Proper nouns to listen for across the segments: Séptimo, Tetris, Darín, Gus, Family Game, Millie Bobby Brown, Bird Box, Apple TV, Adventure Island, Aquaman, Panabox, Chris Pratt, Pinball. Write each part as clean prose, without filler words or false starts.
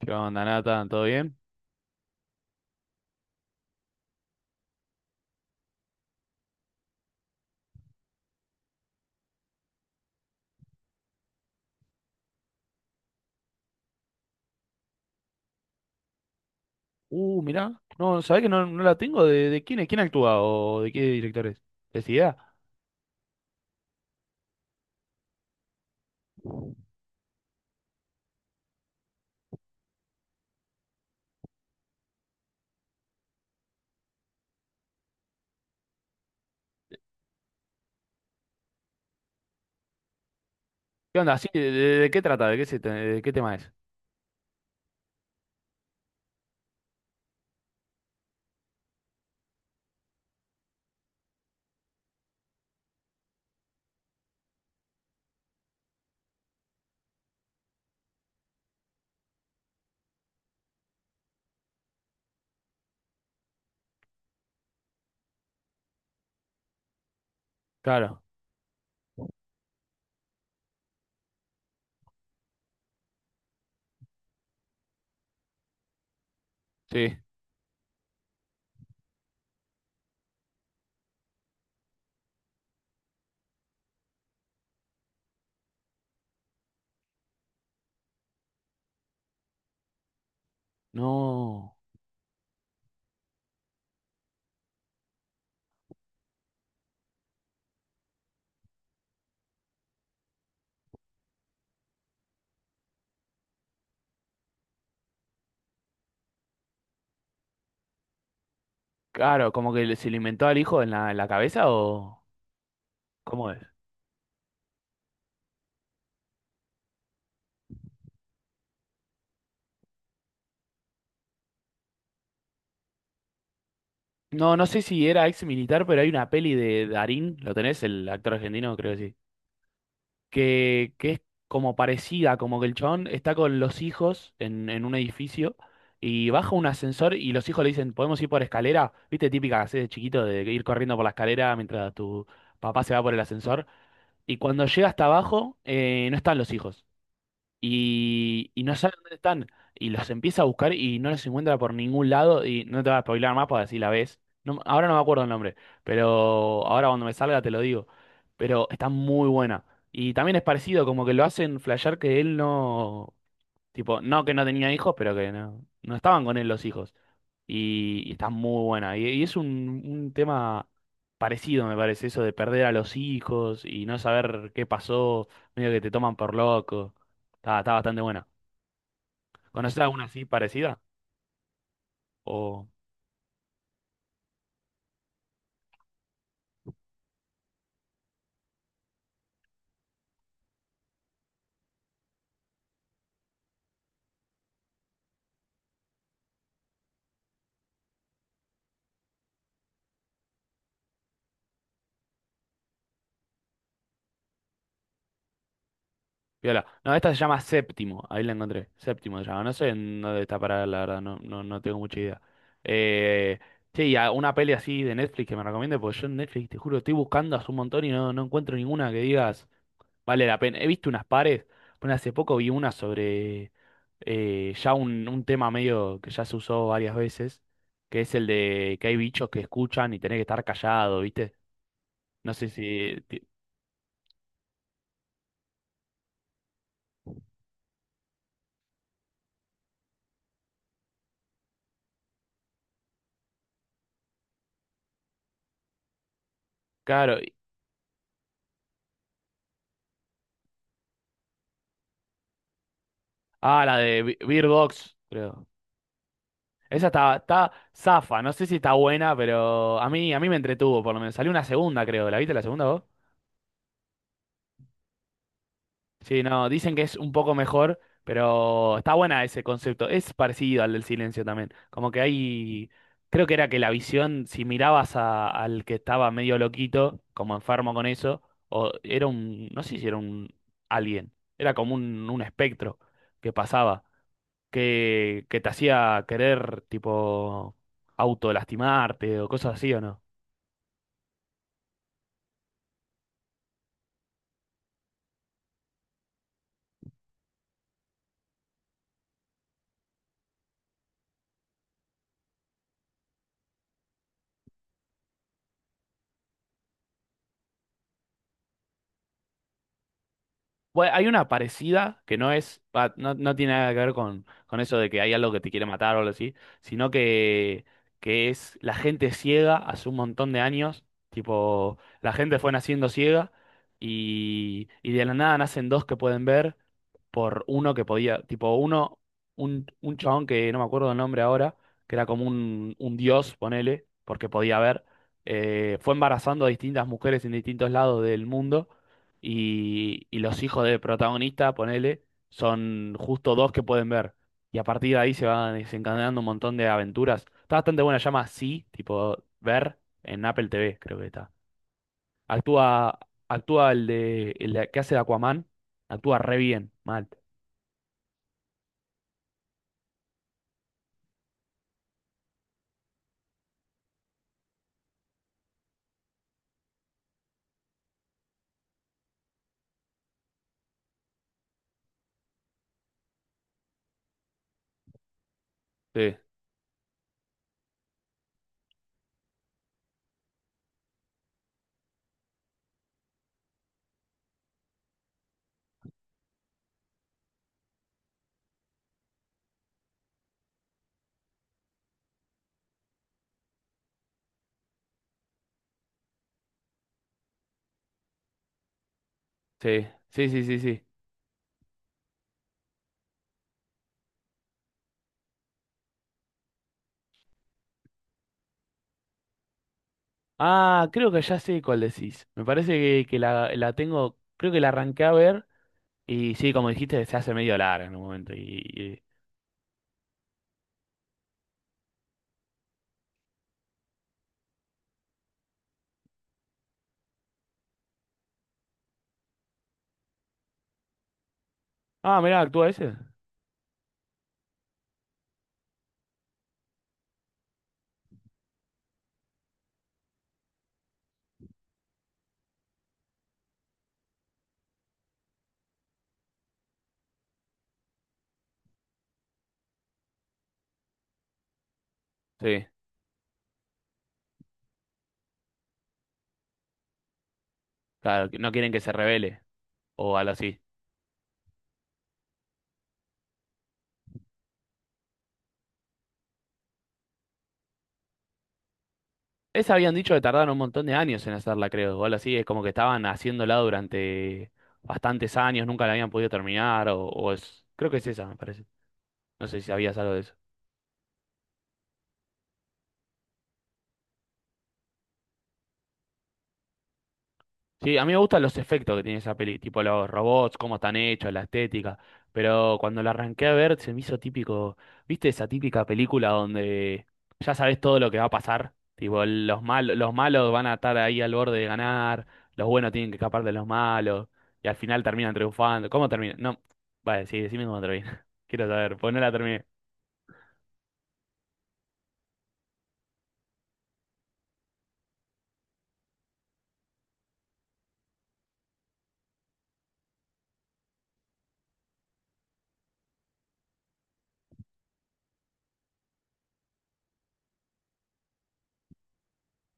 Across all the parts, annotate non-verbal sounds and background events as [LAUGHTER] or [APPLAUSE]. ¿Qué onda, Nathan? ¿Todo bien? Mirá. No, ¿sabés que no la tengo? ¿De quién es? ¿Quién actúa? ¿O de qué directores? ¿Es idea? ¿Qué onda? Sí, ¿de qué trata? ¿De qué, se, de qué tema es? Claro, sí. No. Claro, como que se le inventó al hijo en en la cabeza ¿Cómo es? No, no sé si era ex militar, pero hay una peli de Darín, ¿lo tenés? El actor argentino, creo que sí. Que es como parecida, como que el chabón está con los hijos en un edificio y baja un ascensor y los hijos le dicen, ¿podemos ir por escalera? ¿Viste? Típica que hacés de chiquito de ir corriendo por la escalera mientras tu papá se va por el ascensor. Y cuando llega hasta abajo, no están los hijos y no sabe dónde están. Y los empieza a buscar y no los encuentra por ningún lado. Y no te va a spoiler más para decir la ves. No, ahora no me acuerdo el nombre, pero ahora cuando me salga te lo digo. Pero está muy buena. Y también es parecido, como que lo hacen flashear que él no. Tipo, no que no tenía hijos, pero que no estaban con él los hijos. Y está muy buena. Y es un tema parecido, me parece, eso de perder a los hijos y no saber qué pasó, medio que te toman por loco. Está bastante buena. ¿Conoces alguna así parecida? O... Viola. No, esta se llama Séptimo. Ahí la encontré. Séptimo se llama. No sé en dónde está parada, la verdad. No tengo mucha idea. Eh, che, y una peli así de Netflix que me recomiende, porque yo en Netflix, te juro, estoy buscando hace un montón y no encuentro ninguna que digas vale la pena. He visto unas pares. Bueno, hace poco vi una sobre ya un tema medio que ya se usó varias veces, que es el de que hay bichos que escuchan y tenés que estar callado, ¿viste? No sé si. ti- Claro. y- Ah, la de Bird Box, creo. Esa está zafa, no sé si está buena, pero a mí me entretuvo, por lo menos. Salió una segunda, creo. ¿La viste la segunda vos? Sí, no, dicen que es un poco mejor, pero está buena ese concepto. Es parecido al del silencio también. Como que hay, creo que era que la visión, si mirabas al que estaba medio loquito, como enfermo con eso, o era un, no sé si era un alien, era como un espectro que pasaba. Que te hacía querer, tipo, autolastimarte o cosas así, ¿o no? Bueno, hay una parecida que no es, va, no, no tiene nada que ver con eso de que hay algo que te quiere matar o algo así, sino que es la gente ciega hace un montón de años, tipo, la gente fue naciendo ciega y de la nada nacen dos que pueden ver por uno que podía, tipo uno, un chabón que no me acuerdo el nombre ahora, que era como un dios, ponele, porque podía ver, fue embarazando a distintas mujeres en distintos lados del mundo y los hijos del protagonista, ponele, son justo dos que pueden ver. Y a partir de ahí se van desencadenando un montón de aventuras. Está bastante buena, se llama sí, tipo ver en Apple TV, creo que está. Actúa, actúa el de, que hace de Aquaman, actúa re bien, mal. Sí. Sí, sí, sí, sí, sí. Ah, creo que ya sé cuál decís. Me parece que la tengo, creo que la arranqué a ver y sí, como dijiste, se hace medio larga en un momento. Y- Ah, mirá, actúa ese. Sí, claro, que no quieren que se revele o algo así. Esa habían dicho que tardaron un montón de años en hacerla, creo, o algo así. Es como que estaban haciéndola durante bastantes años, nunca la habían podido terminar o es... Creo que es esa, me parece. No sé si sabías algo de eso. Sí, a mí me gustan los efectos que tiene esa peli, tipo los robots, cómo están hechos, la estética, pero cuando la arranqué a ver se me hizo típico, ¿viste esa típica película donde ya sabes todo lo que va a pasar? Tipo, los malos van a estar ahí al borde de ganar, los buenos tienen que escapar de los malos, y al final terminan triunfando. ¿Cómo termina? No, vale, sí, decime cómo termina. [LAUGHS] Quiero saber, pues no la terminé.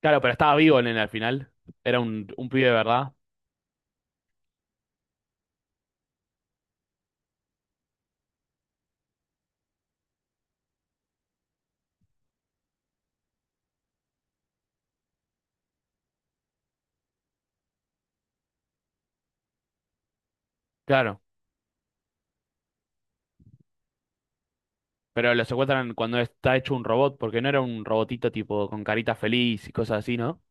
Claro, pero estaba vivo en el final, era un pibe de verdad. Claro. Pero lo secuestran cuando está hecho un robot, porque no era un robotito tipo con carita feliz y cosas así, no.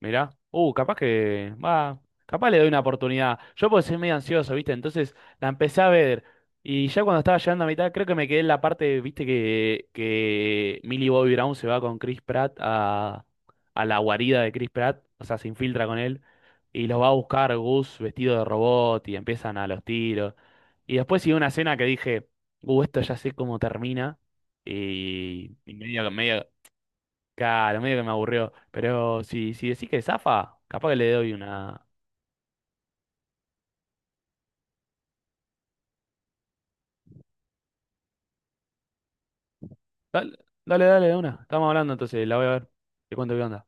Mirá. Capaz que. Va. Capaz le doy una oportunidad. Yo porque soy medio ansioso, ¿viste? Entonces la empecé a ver. Y ya cuando estaba llegando a mitad, creo que me quedé en la parte, ¿viste? Que Millie Bobby Brown se va con Chris Pratt a la guarida de Chris Pratt. O sea, se infiltra con él. Y los va a buscar Gus vestido de robot. Y empiezan a los tiros. Y después sigue una escena que dije, esto ya sé cómo termina. Y medio, medio. Claro, medio que me aburrió. Pero si, si decís que zafa, capaz que le doy una. Dale, dale, dale, de una. Estamos hablando entonces, la voy a ver. Te cuento qué onda.